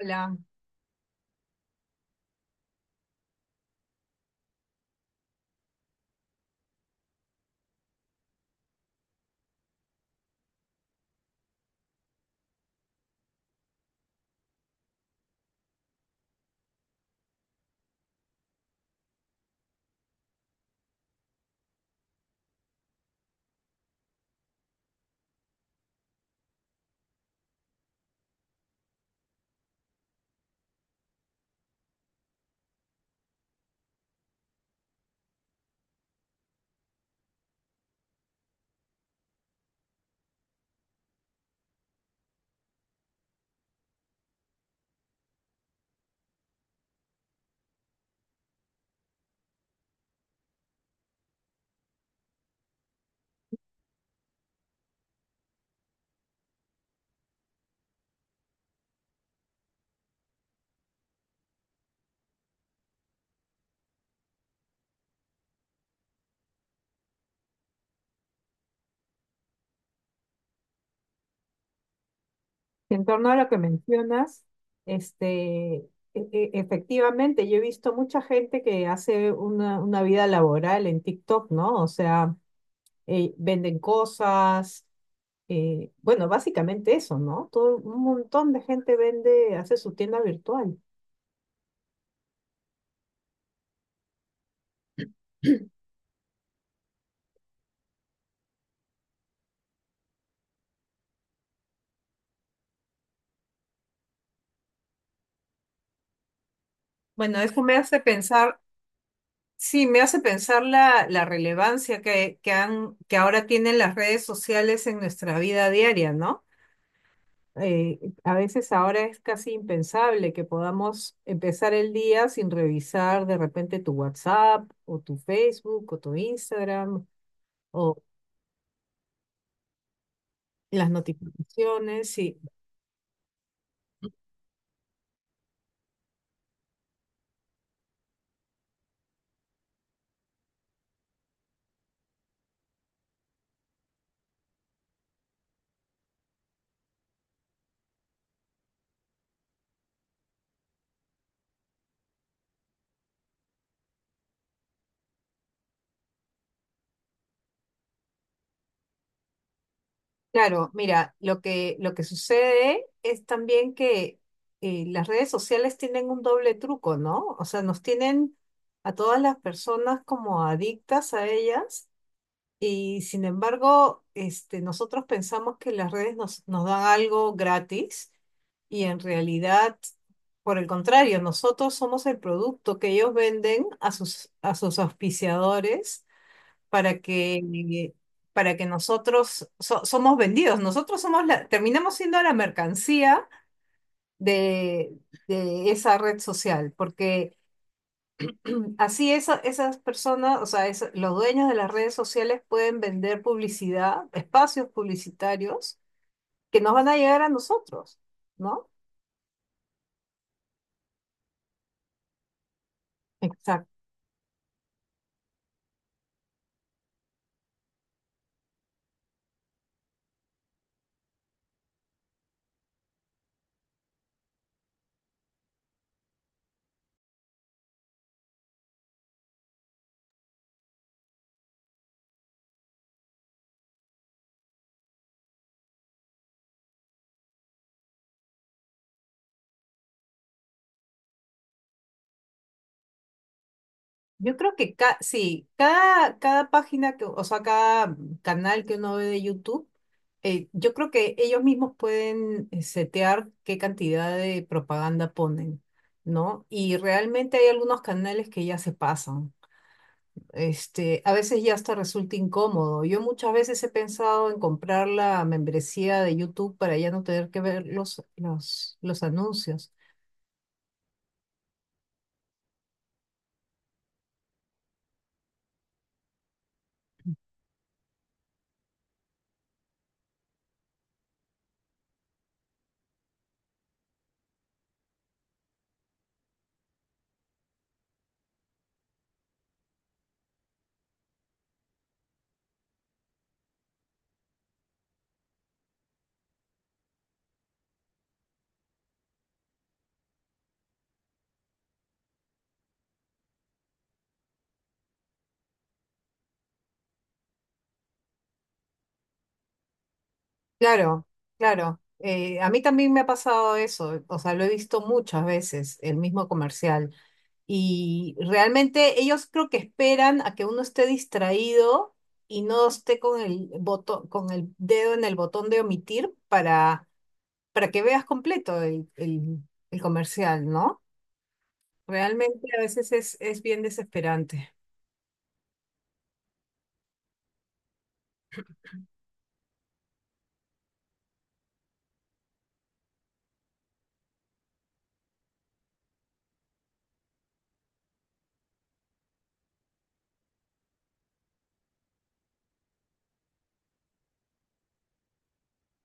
La, En torno a lo que mencionas, este, e- efectivamente, yo he visto mucha gente que hace una vida laboral en TikTok, ¿no? O sea, venden cosas, bueno, básicamente eso, ¿no? Todo, un montón de gente vende, hace su tienda virtual. Bueno, eso me hace pensar, sí, me hace pensar la relevancia que ahora tienen las redes sociales en nuestra vida diaria, ¿no? A veces ahora es casi impensable que podamos empezar el día sin revisar de repente tu WhatsApp o tu Facebook o tu Instagram o las notificaciones. Sí, claro, mira, lo que sucede es también que las redes sociales tienen un doble truco, ¿no? O sea, nos tienen a todas las personas como adictas a ellas. Y sin embargo, nosotros pensamos que las redes nos dan algo gratis y en realidad, por el contrario, nosotros somos el producto que ellos venden a a sus auspiciadores para que, para que nosotros somos vendidos. Nosotros somos terminamos siendo la mercancía de, de esa red social, porque así esas personas, o sea, los dueños de las redes sociales pueden vender publicidad, espacios publicitarios que nos van a llegar a nosotros, ¿no? Exacto. Yo creo que sí, cada página que, o sea, cada canal que uno ve de YouTube, yo creo que ellos mismos pueden setear qué cantidad de propaganda ponen, ¿no? Y realmente hay algunos canales que ya se pasan. Este, a veces ya hasta resulta incómodo. Yo muchas veces he pensado en comprar la membresía de YouTube para ya no tener que ver los anuncios. Claro, claro. A mí también me ha pasado eso. O sea, lo he visto muchas veces, el mismo comercial. Y realmente ellos creo que esperan a que uno esté distraído y no esté con el botón, con el dedo en el botón de omitir para que veas completo el comercial, ¿no? Realmente a veces es bien desesperante.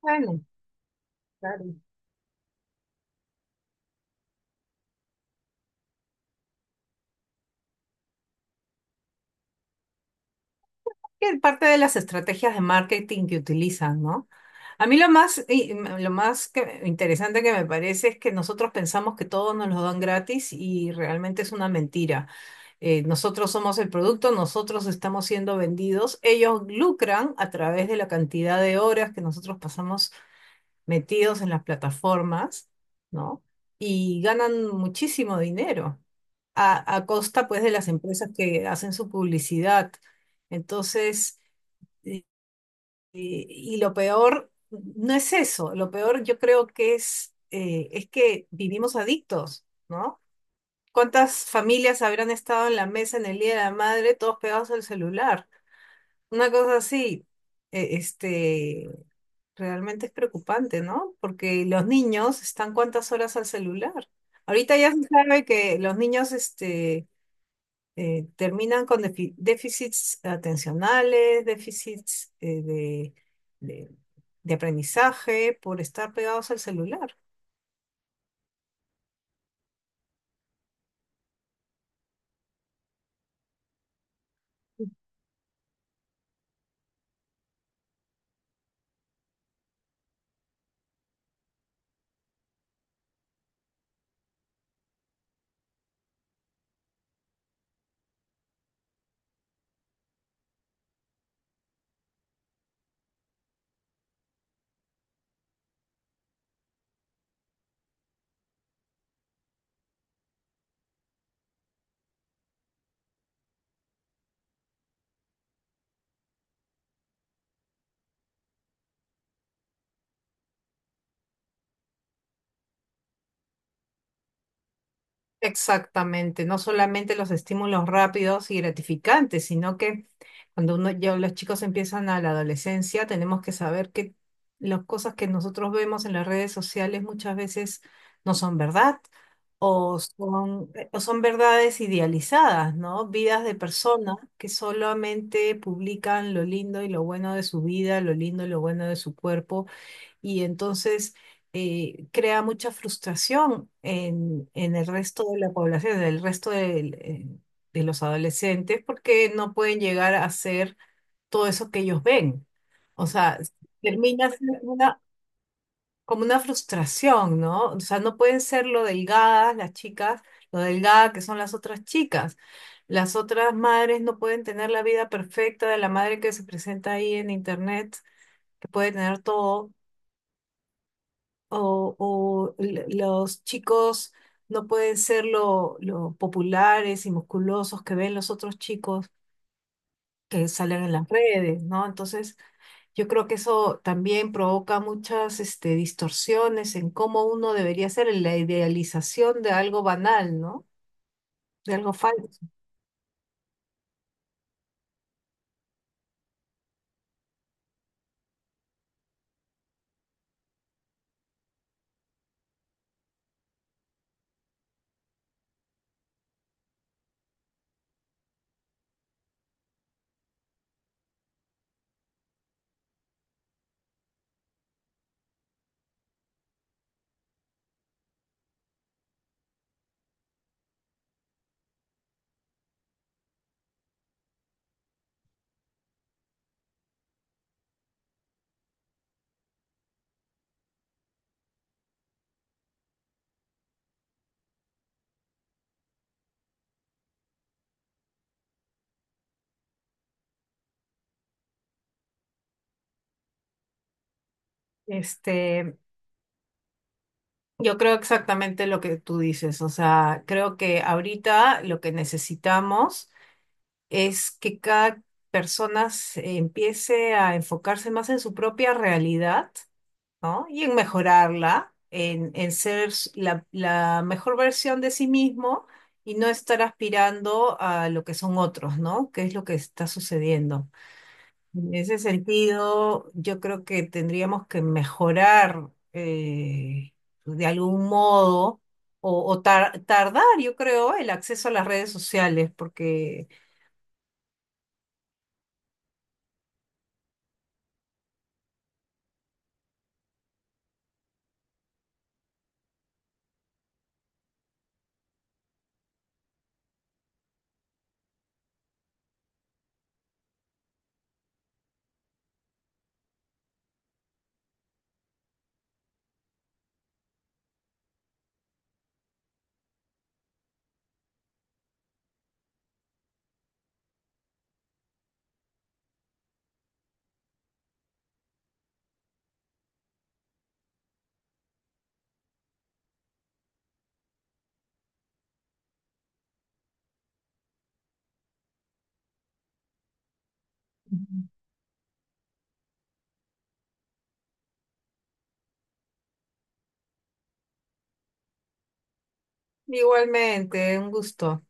Bueno, claro. Es parte de las estrategias de marketing que utilizan, ¿no? A mí lo más, lo más interesante que me parece es que nosotros pensamos que todo nos lo dan gratis y realmente es una mentira. Nosotros somos el producto, nosotros estamos siendo vendidos, ellos lucran a través de la cantidad de horas que nosotros pasamos metidos en las plataformas, ¿no? Y ganan muchísimo dinero a costa pues de las empresas que hacen su publicidad. Entonces, y, y lo peor no es eso, lo peor yo creo que es que vivimos adictos, ¿no? ¿Cuántas familias habrán estado en la mesa en el Día de la Madre todos pegados al celular? Una cosa así, eh, este, realmente es preocupante, ¿no? Porque los niños están cuántas horas al celular. Ahorita ya se sabe que los niños, terminan con déficits atencionales, déficits de- de aprendizaje por estar pegados al celular. Exactamente, no solamente los estímulos rápidos y gratificantes, sino que cuando uno, ya los chicos empiezan a la adolescencia, tenemos que saber que las cosas que nosotros vemos en las redes sociales muchas veces no son verdad o son verdades idealizadas, ¿no? Vidas de personas que solamente publican lo lindo y lo bueno de su vida, lo lindo y lo bueno de su cuerpo y entonces crea mucha frustración en el resto de la población, en el resto de los adolescentes, porque no pueden llegar a hacer todo eso que ellos ven. O sea, termina siendo una, como una frustración, ¿no? O sea, no pueden ser lo delgadas las chicas, lo delgada que son las otras chicas. Las otras madres no pueden tener la vida perfecta de la madre que se presenta ahí en internet, que puede tener todo los chicos no pueden ser lo populares y musculosos que ven los otros chicos que salen en las redes, ¿no? Entonces, yo creo que eso también provoca muchas este, distorsiones en cómo uno debería ser, en la idealización de algo banal, ¿no? De algo falso. Este, yo creo exactamente lo que tú dices, o sea, creo que ahorita lo que necesitamos es que cada persona empiece a enfocarse más en su propia realidad, ¿no? Y en mejorarla, en ser la mejor versión de sí mismo y no estar aspirando a lo que son otros, ¿no? ¿Qué es lo que está sucediendo? En ese sentido, yo creo que tendríamos que mejorar pues, de algún modo. O tardar, yo creo, el acceso a las redes sociales, porque igualmente, un gusto.